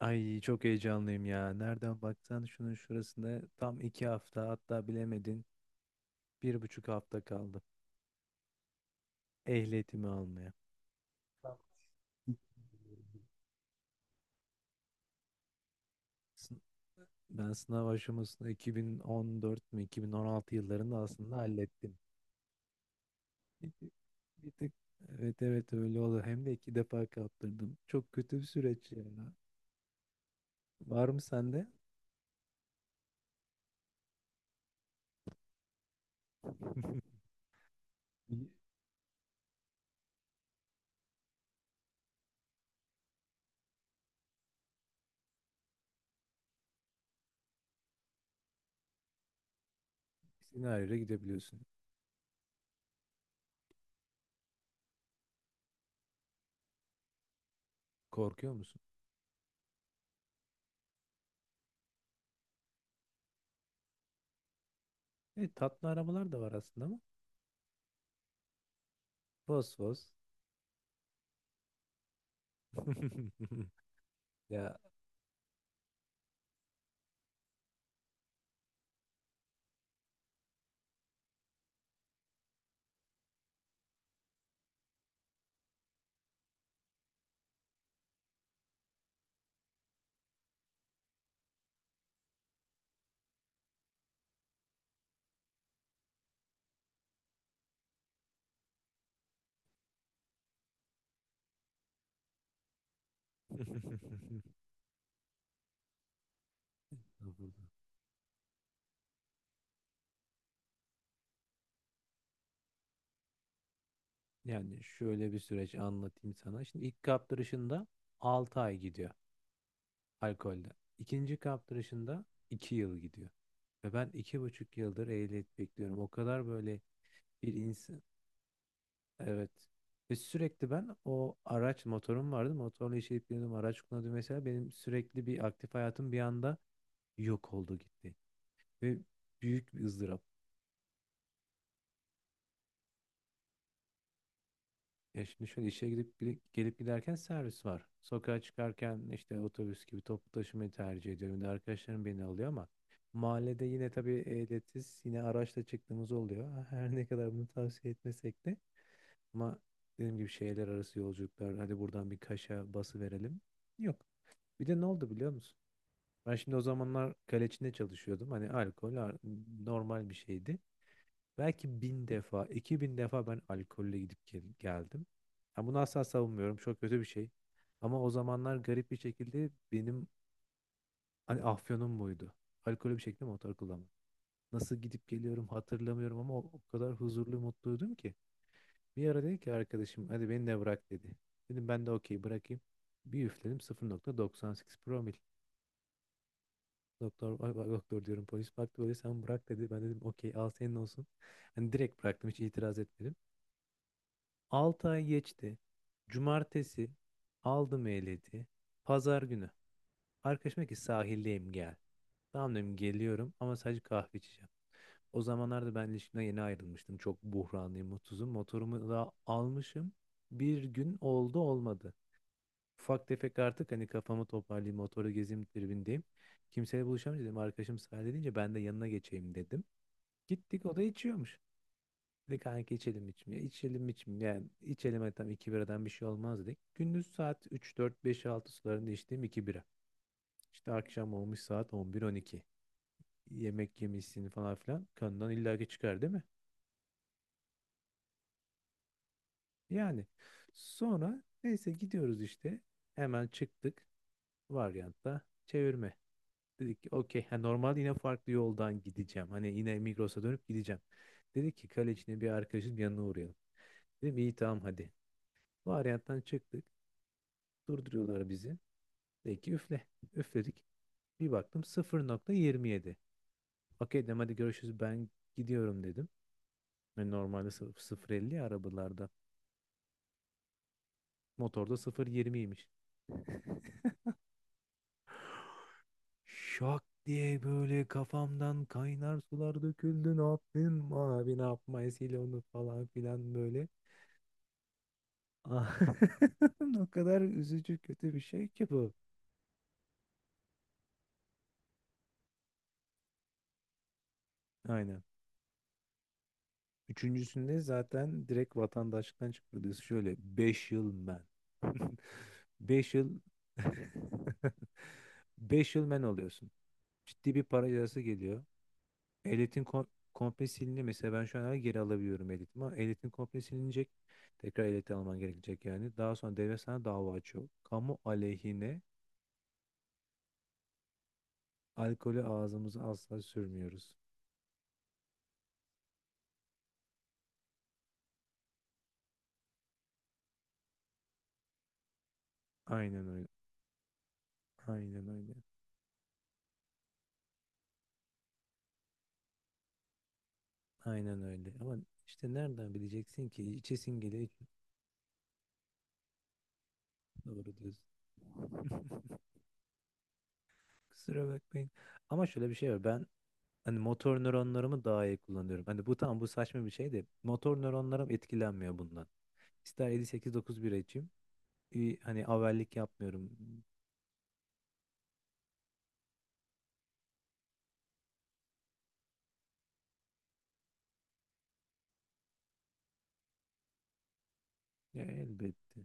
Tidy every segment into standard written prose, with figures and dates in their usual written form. Ay çok heyecanlıyım ya. Nereden baksan şunun şurasında tam iki hafta, hatta bilemedin bir buçuk hafta kaldı. Ehliyetimi almaya. Sın- Ben sınav aşamasını 2014 mü 2016 yıllarında aslında hallettim. Bir tık, bir tık- evet evet öyle oldu. Hem de iki defa kaptırdım. Çok kötü bir süreç ya. Var mı sende? Senaryoya gidebiliyorsun. Korkuyor musun? Evet, tatlı arabalar da var aslında ama. Fos fos. Ya yani şöyle bir süreç anlatayım sana. Şimdi ilk kaptırışında 6 ay gidiyor alkolde. İkinci kaptırışında 2 yıl gidiyor. Ve ben iki buçuk yıldır ehliyet bekliyorum. O kadar böyle bir insan. Evet. Ve sürekli ben o araç, motorum vardı. Motorla işe gidip geliyordum, araç kullanıyordum mesela. Benim sürekli bir aktif hayatım bir anda yok oldu gitti. Ve büyük bir ızdırap. Ya şimdi şöyle, işe gelip giderken servis var. Sokağa çıkarken işte otobüs gibi toplu taşımayı tercih ediyorum. Bir de arkadaşlarım beni alıyor ama mahallede yine tabii ehliyetsiz yine araçla çıktığımız oluyor. Her ne kadar bunu tavsiye etmesek de ama dediğim gibi şehirler arası yolculuklar, hadi buradan bir Kaş'a bası verelim. Yok. Bir de ne oldu biliyor musun? Ben şimdi o zamanlar Kaleçin'de çalışıyordum. Hani normal bir şeydi. Belki bin defa, iki bin defa ben alkolle geldim. Ha bunu asla savunmuyorum. Çok kötü bir şey. Ama o zamanlar garip bir şekilde benim hani afyonum buydu. Alkolü bir şekilde motor kullanmak. Nasıl gidip geliyorum hatırlamıyorum ama o kadar huzurlu mutluydum ki. Bir ara dedi ki arkadaşım, hadi beni de bırak dedi. Dedim ben de okey, bırakayım. Bir üfledim 0.98 promil. Doktor, ay, ay, doktor diyorum, polis baktı böyle, sen bırak dedi. Ben dedim okey, al senin olsun. Hani direkt bıraktım, hiç itiraz etmedim. 6 ay geçti. Cumartesi aldım ehliyeti. Pazar günü. Arkadaşım dedi ki sahildeyim gel. Tamam dedim, geliyorum ama sadece kahve içeceğim. O zamanlarda ben ilişkimden yeni ayrılmıştım. Çok buhranlıyım, mutsuzum. Motorumu da almışım. Bir gün oldu olmadı. Ufak tefek, artık hani kafamı toparlayayım, motoru gezeyim tribindeyim. Kimseyle buluşamayacağım dedim. Arkadaşım sahilde deyince ben de yanına geçeyim dedim. Gittik, o da içiyormuş. Dedik kanka içelim içmeye. İçelim içmeye. Yani içelim, hadi tam 2 biradan bir şey olmaz dedik. Gündüz saat 3 4 5 6 sularında içtiğim 2 bira. İşte akşam olmuş saat on bir on iki. Yemek yemişsin falan filan. Kanından illaki çıkar değil mi? Yani sonra neyse gidiyoruz işte. Hemen çıktık. Varyantta çevirme. Dedik ki okey. Ha, normalde yine farklı yoldan gideceğim. Hani yine Migros'a dönüp gideceğim. Dedik ki kale içinde bir arkadaşın yanına uğrayalım. Dedim iyi tamam hadi. Varyanttan çıktık. Durduruyorlar bizi. Peki üfle. Üfledik. Bir baktım 0.27. Okey dedim, hadi görüşürüz ben gidiyorum dedim. Ve normalde sıfır elli arabalarda. Motorda sıfır yirmiymiş. Şak diye böyle kafamdan kaynar sular döküldü. Ne yaptın abi, ne yapmayasıyla onu falan filan böyle. O kadar üzücü kötü bir şey ki bu. Aynen. Üçüncüsünde zaten direkt vatandaşlıktan çıkarılıyorsun. Şöyle 5 yıl men. 5 yıl beş yıl men oluyorsun. Ciddi bir para cezası geliyor. Ehliyetin komple siliniyor. Mesela ben şu an hala geri alabiliyorum ehliyetimi ama ehliyetin komple silinecek. Tekrar ehliyet alman gerekecek yani. Daha sonra devlet sana dava açıyor. Kamu aleyhine. Alkolü ağzımıza asla sürmüyoruz. Aynen öyle. Aynen öyle. Aynen öyle. Ama işte nereden bileceksin ki? İçesin geliyor. Doğru diyorsun. Kusura bakmayın. Ama şöyle bir şey var. Ben hani motor nöronlarımı daha iyi kullanıyorum. Hani bu tam, bu saçma bir şey de motor nöronlarım etkilenmiyor bundan. İster 7 8 9 bir açayım. İyi, hani avellik yapmıyorum. Ya elbette.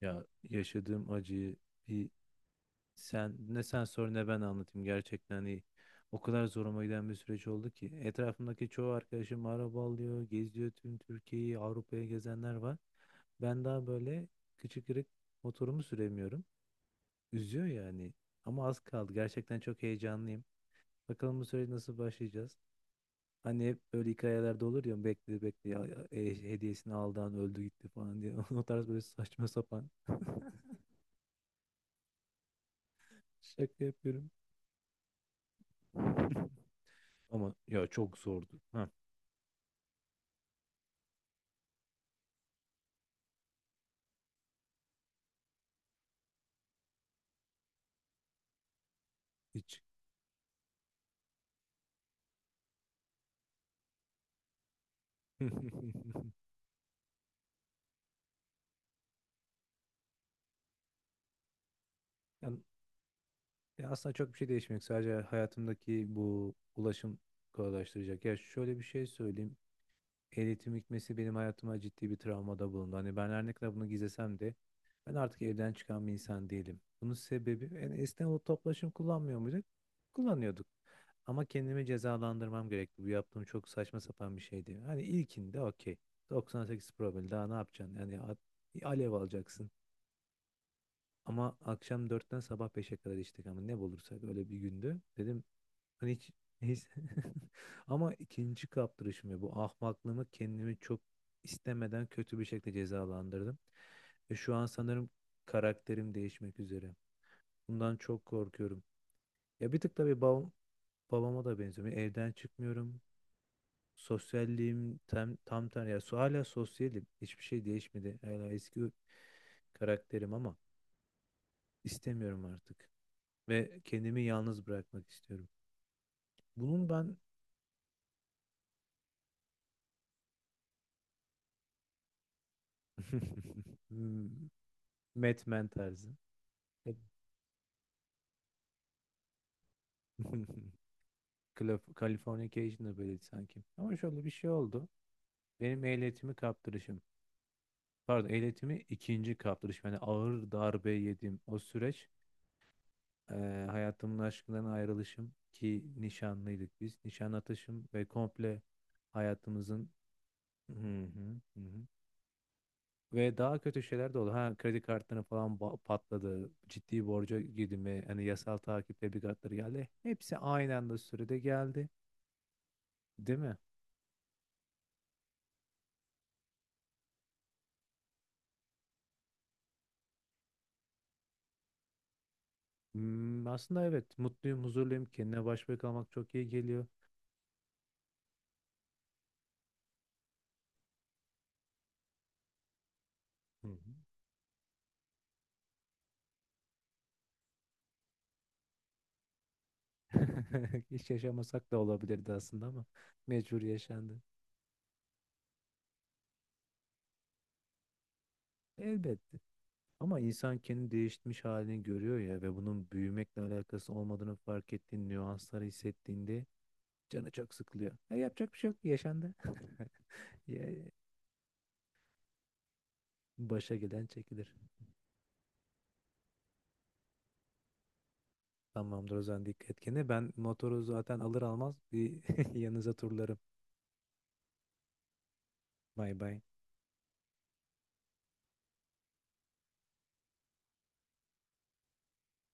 Ya yaşadığım acıyı bir, sen ne sen sor ne ben anlatayım gerçekten, hani o kadar zoruma giden bir süreç oldu ki, etrafımdaki çoğu arkadaşım araba alıyor, geziyor tüm Türkiye'yi, Avrupa'ya gezenler var. Ben daha böyle küçük kırık motorumu süremiyorum. Üzüyor yani. Ama az kaldı. Gerçekten çok heyecanlıyım. Bakalım bu süreci nasıl başlayacağız. Hani hep böyle hikayelerde olur ya, hediyesini aldı an öldü gitti falan diye. O tarz böyle saçma sapan. Şaka yapıyorum. Ama ya çok zordu. Ha, hiç. Yani, ya aslında çok bir şey değişmiyor. Sadece hayatımdaki bu ulaşım kolaylaştıracak. Ya şöyle bir şey, ben artık evden çıkan bir insan değilim. Bunun sebebi yani, esnek o toplaşım kullanmıyor muyduk? Kullanıyorduk. Ama kendimi cezalandırmam gerekti. Bu yaptığım çok saçma sapan bir şeydi. Hani ilkinde okey. 98 promil, daha ne yapacaksın? Alev alacaksın. Ama akşam dörtten sabah beşe kadar içtik, ama ne bulursak öyle bir gündü. Dedim Hani hiç, hiç- ama ikinci kaptırışımı, bu ahmaklığımı, kendimi çok istemeden kötü bir şekilde cezalandırdım. Ve şu an sanırım karakterim değişmek üzere. Bundan çok korkuyorum. Ya bir tık tabii babama da benziyorum. Yani evden çıkmıyorum. Sosyalliğim tam tam ter ya so- hala sosyalim. Hiçbir şey değişmedi. Hala eski karakterim ama istemiyorum artık. Ve kendimi yalnız bırakmak istiyorum. Bunun ben Batman tarzı. E, Californication'da böyleydi sanki. Ama şöyle bir şey oldu. Benim ehliyetimi kaptırışım. Pardon, ehliyetimi ikinci kaptırışım. Yani ağır darbe yedim. O süreç, e, hayatımın aşkından ayrılışım, ki nişanlıydık biz. Nişan atışım ve komple hayatımızın. Hı hı, hı hı. Ve daha kötü şeyler de oldu. Ha kredi kartları patladı. Ciddi borca girdim ve hani yasal takip tebligatları geldi. Hepsi aynı anda sürede geldi. Değil mi? Hmm, aslında evet, mutluyum, huzurluyum. Kendine baş başa kalmak çok iyi geliyor. Hı hı. Hiç yaşamasak da olabilirdi aslında ama mecbur yaşandı. Elbette. Ama insan kendi değişmiş halini görüyor ya, ve bunun büyümekle alakası olmadığını fark ettiğin nüansları hissettiğinde canı çok sıkılıyor. E, yapacak bir şey yok. Yaşandı. Ya, başa gelen çekilir. Tamamdır o zaman, dikkat et kendine. Ben motoru zaten alır almaz bir yanınıza turlarım. Bay bay.